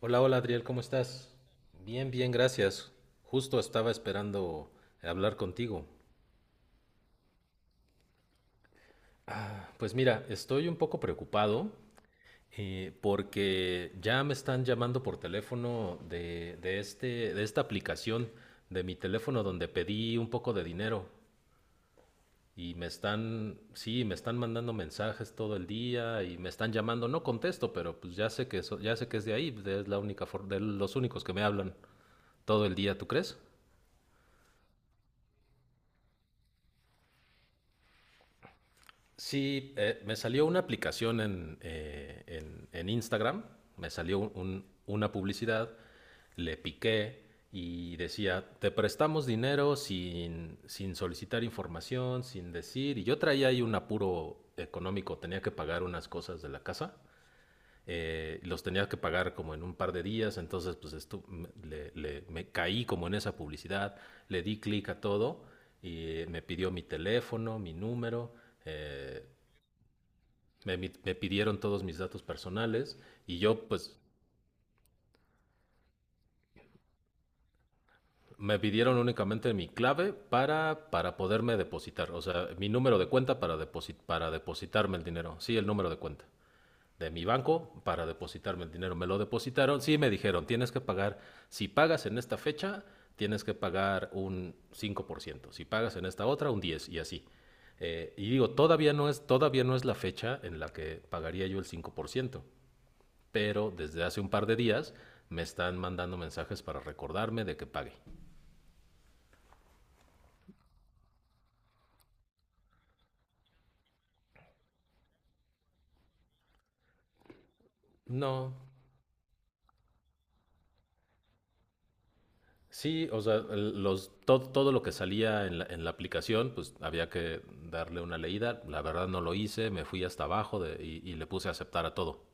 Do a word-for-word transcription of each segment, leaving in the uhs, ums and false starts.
Hola, hola Adriel, ¿cómo estás? Bien, bien, gracias. Justo estaba esperando hablar contigo. Ah, pues mira, estoy un poco preocupado, eh, porque ya me están llamando por teléfono de, de este, de esta aplicación de mi teléfono donde pedí un poco de dinero y me están, sí, me están mandando mensajes todo el día y me están llamando. No contesto, pero pues ya sé que eso, ya sé que es de ahí, es la única, for- de los únicos que me hablan todo el día, ¿tú crees? Sí, eh, me salió una aplicación en, eh, en- en Instagram, me salió un- un- una publicidad, le piqué y decía, te prestamos dinero sin, sin solicitar información, sin decir, y yo traía ahí un apuro económico, tenía que pagar unas cosas de la casa, eh, los tenía que pagar como en un par de días, entonces pues estu- me, le- le- me caí como en esa publicidad, le di clic a todo y, eh, me pidió mi teléfono, mi número. eh, me, mi- me pidieron todos mis datos personales y yo pues me pidieron únicamente mi clave para, para poderme depositar, o sea, mi número de cuenta para, deposit, para depositarme el dinero, sí, el número de cuenta de mi banco para depositarme el dinero. Me lo depositaron, sí, me dijeron, tienes que pagar, si pagas en esta fecha, tienes que pagar un cinco por ciento. Si pagas en esta otra, un diez por ciento y así. Eh, y digo, todavía no, es, todavía no es la fecha en la que pagaría yo el cinco por ciento. Pero desde hace un par de días me están mandando mensajes para recordarme de que pague. No, sí, o sea, los, todo, todo lo que salía en la, en la aplicación, pues había que darle una leída. La verdad no lo hice, me fui hasta abajo de- y, y le puse a aceptar a todo.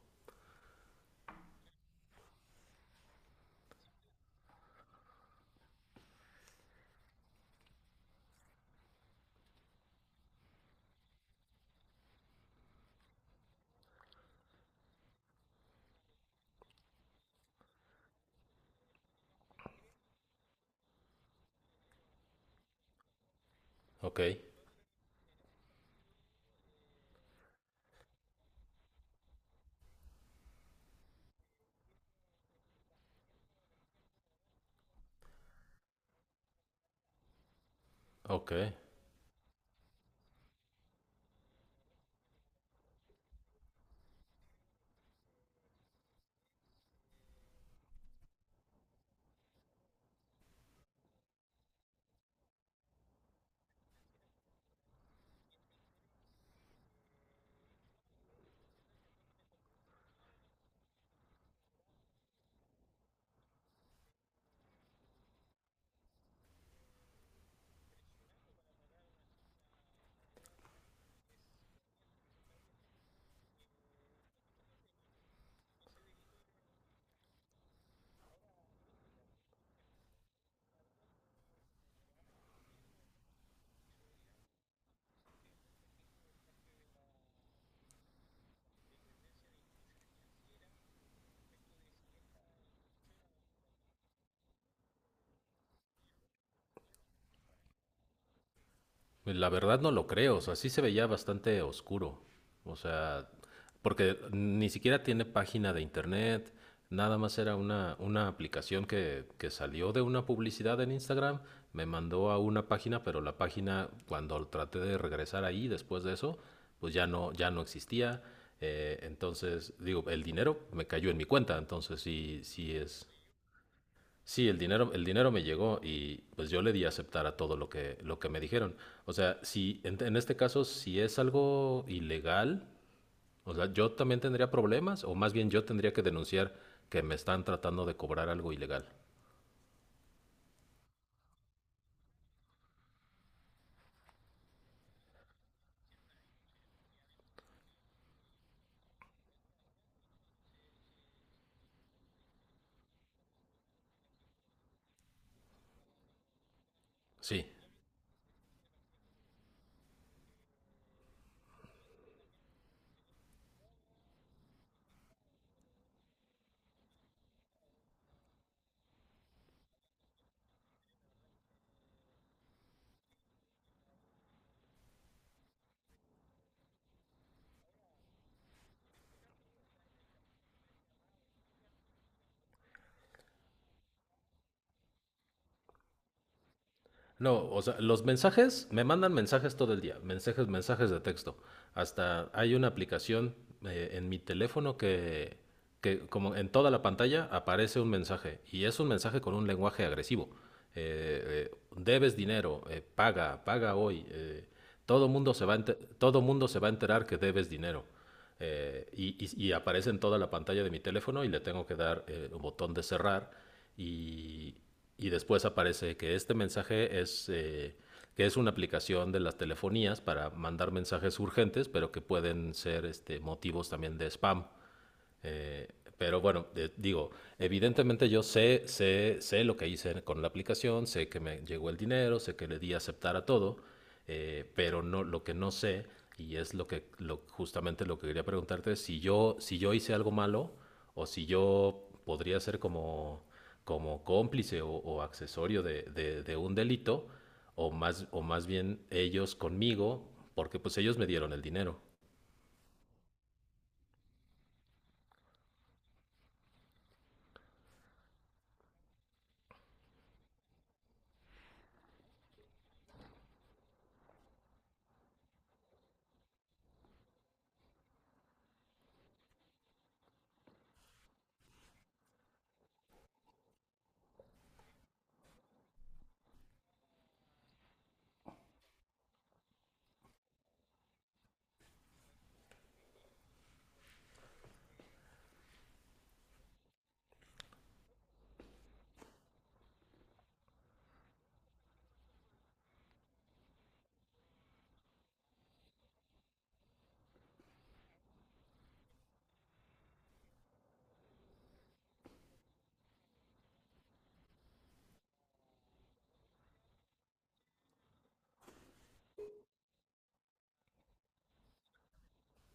Ok, ok. Pues, la verdad no lo creo, o sea, sí se veía bastante oscuro, o sea, porque ni siquiera tiene página de internet, nada más era una, una aplicación que, que salió de una publicidad en Instagram, me mandó a una página, pero la página cuando traté de regresar ahí después de eso, pues ya no, ya no existía. Eh, entonces digo, el dinero me cayó en mi cuenta, entonces sí, sí es. Sí, el dinero, el dinero me llegó y pues yo le di a aceptar a todo lo que, lo que me dijeron. O sea, si en, en este caso, si es algo ilegal, o sea, yo también tendría problemas, o más bien yo tendría que denunciar que me están tratando de cobrar algo ilegal. Sí. No, o sea, los mensajes, me mandan mensajes todo el día, mensajes, mensajes de texto. Hasta hay una aplicación, eh, en mi teléfono que, que como en toda la pantalla aparece un mensaje y es un mensaje con un lenguaje agresivo. Eh, eh, debes dinero, eh, paga, paga hoy. Eh, todo mundo se va a enter- todo mundo se va a enterar que debes dinero. Eh, y, y- y aparece en toda la pantalla de mi teléfono y le tengo que dar, eh, el botón de cerrar y, y después aparece que este mensaje es, eh, que es una aplicación de las telefonías para mandar mensajes urgentes, pero que pueden ser este, motivos también de spam. Eh, pero bueno, eh, digo, evidentemente yo sé, sé, sé lo que hice con la aplicación, sé que me llegó el dinero, sé que le di a aceptar a todo, eh, pero no, lo que no sé, y es lo que lo, justamente lo que quería preguntarte, es si yo, si yo hice algo malo o si yo podría ser como, como cómplice o, o accesorio de, de- de un delito, o más, o más bien ellos conmigo, porque pues ellos me dieron el dinero.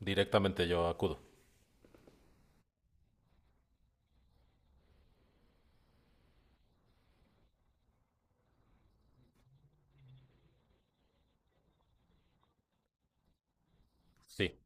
Directamente yo acudo. Sí.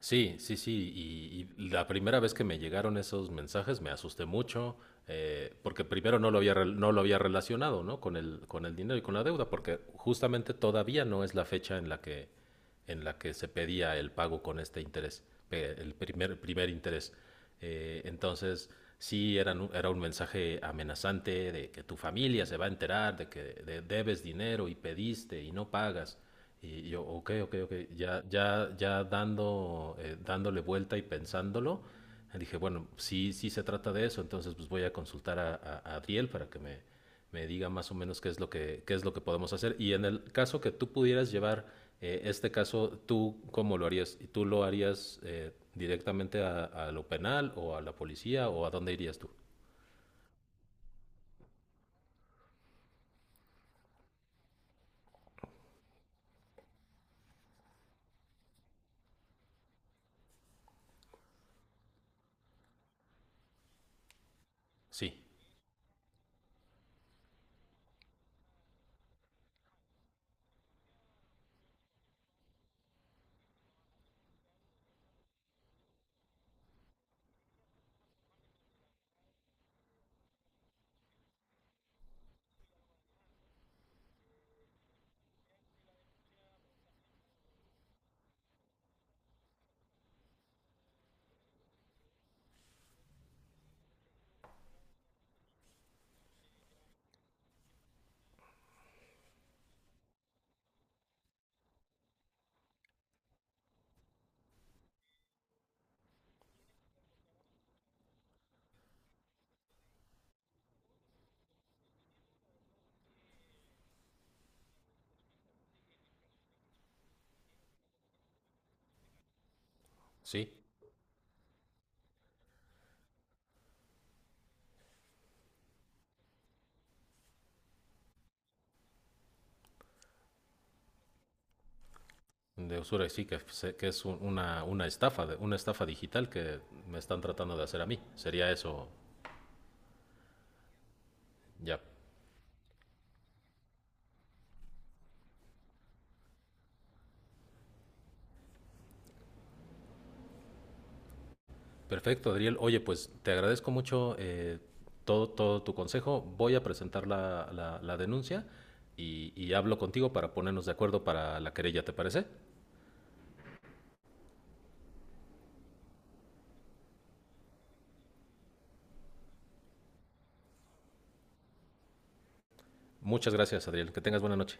Sí, sí, sí. Y, y la primera vez que me llegaron esos mensajes me asusté mucho, eh, porque primero no lo había, rel- no lo había relacionado, ¿no? Con el, con el dinero y con la deuda, porque justamente todavía no es la fecha en la que, en la que se pedía el pago con este interés, pe- el primer, primer interés. Eh, entonces, sí, eran un- era un mensaje amenazante de que tu familia se va a enterar de que de- debes dinero y pediste y no pagas. Y yo, ok, ok, ok, ya, ya, ya dando, eh, dándole vuelta y pensándolo, dije, bueno, sí, sí se trata de eso, entonces pues voy a consultar a, a- a Adriel para que me, me diga más o menos qué es lo que, qué es lo que podemos hacer. Y en el caso que tú pudieras llevar, eh, este caso, ¿tú cómo lo harías? ¿Y tú lo harías, eh, directamente a, a lo penal o a la policía o a dónde irías tú? Sí, sí. De usura, y sí, que, se- que es un- una, una estafa, de- una estafa digital que me están tratando de hacer a mí. Sería eso, ya. Perfecto, Adriel. Oye, pues te agradezco mucho, eh, todo, todo tu consejo. Voy a presentar la, la- la denuncia y, y hablo contigo para ponernos de acuerdo para la querella, ¿te parece? Muchas gracias, Adriel. Que tengas buena noche.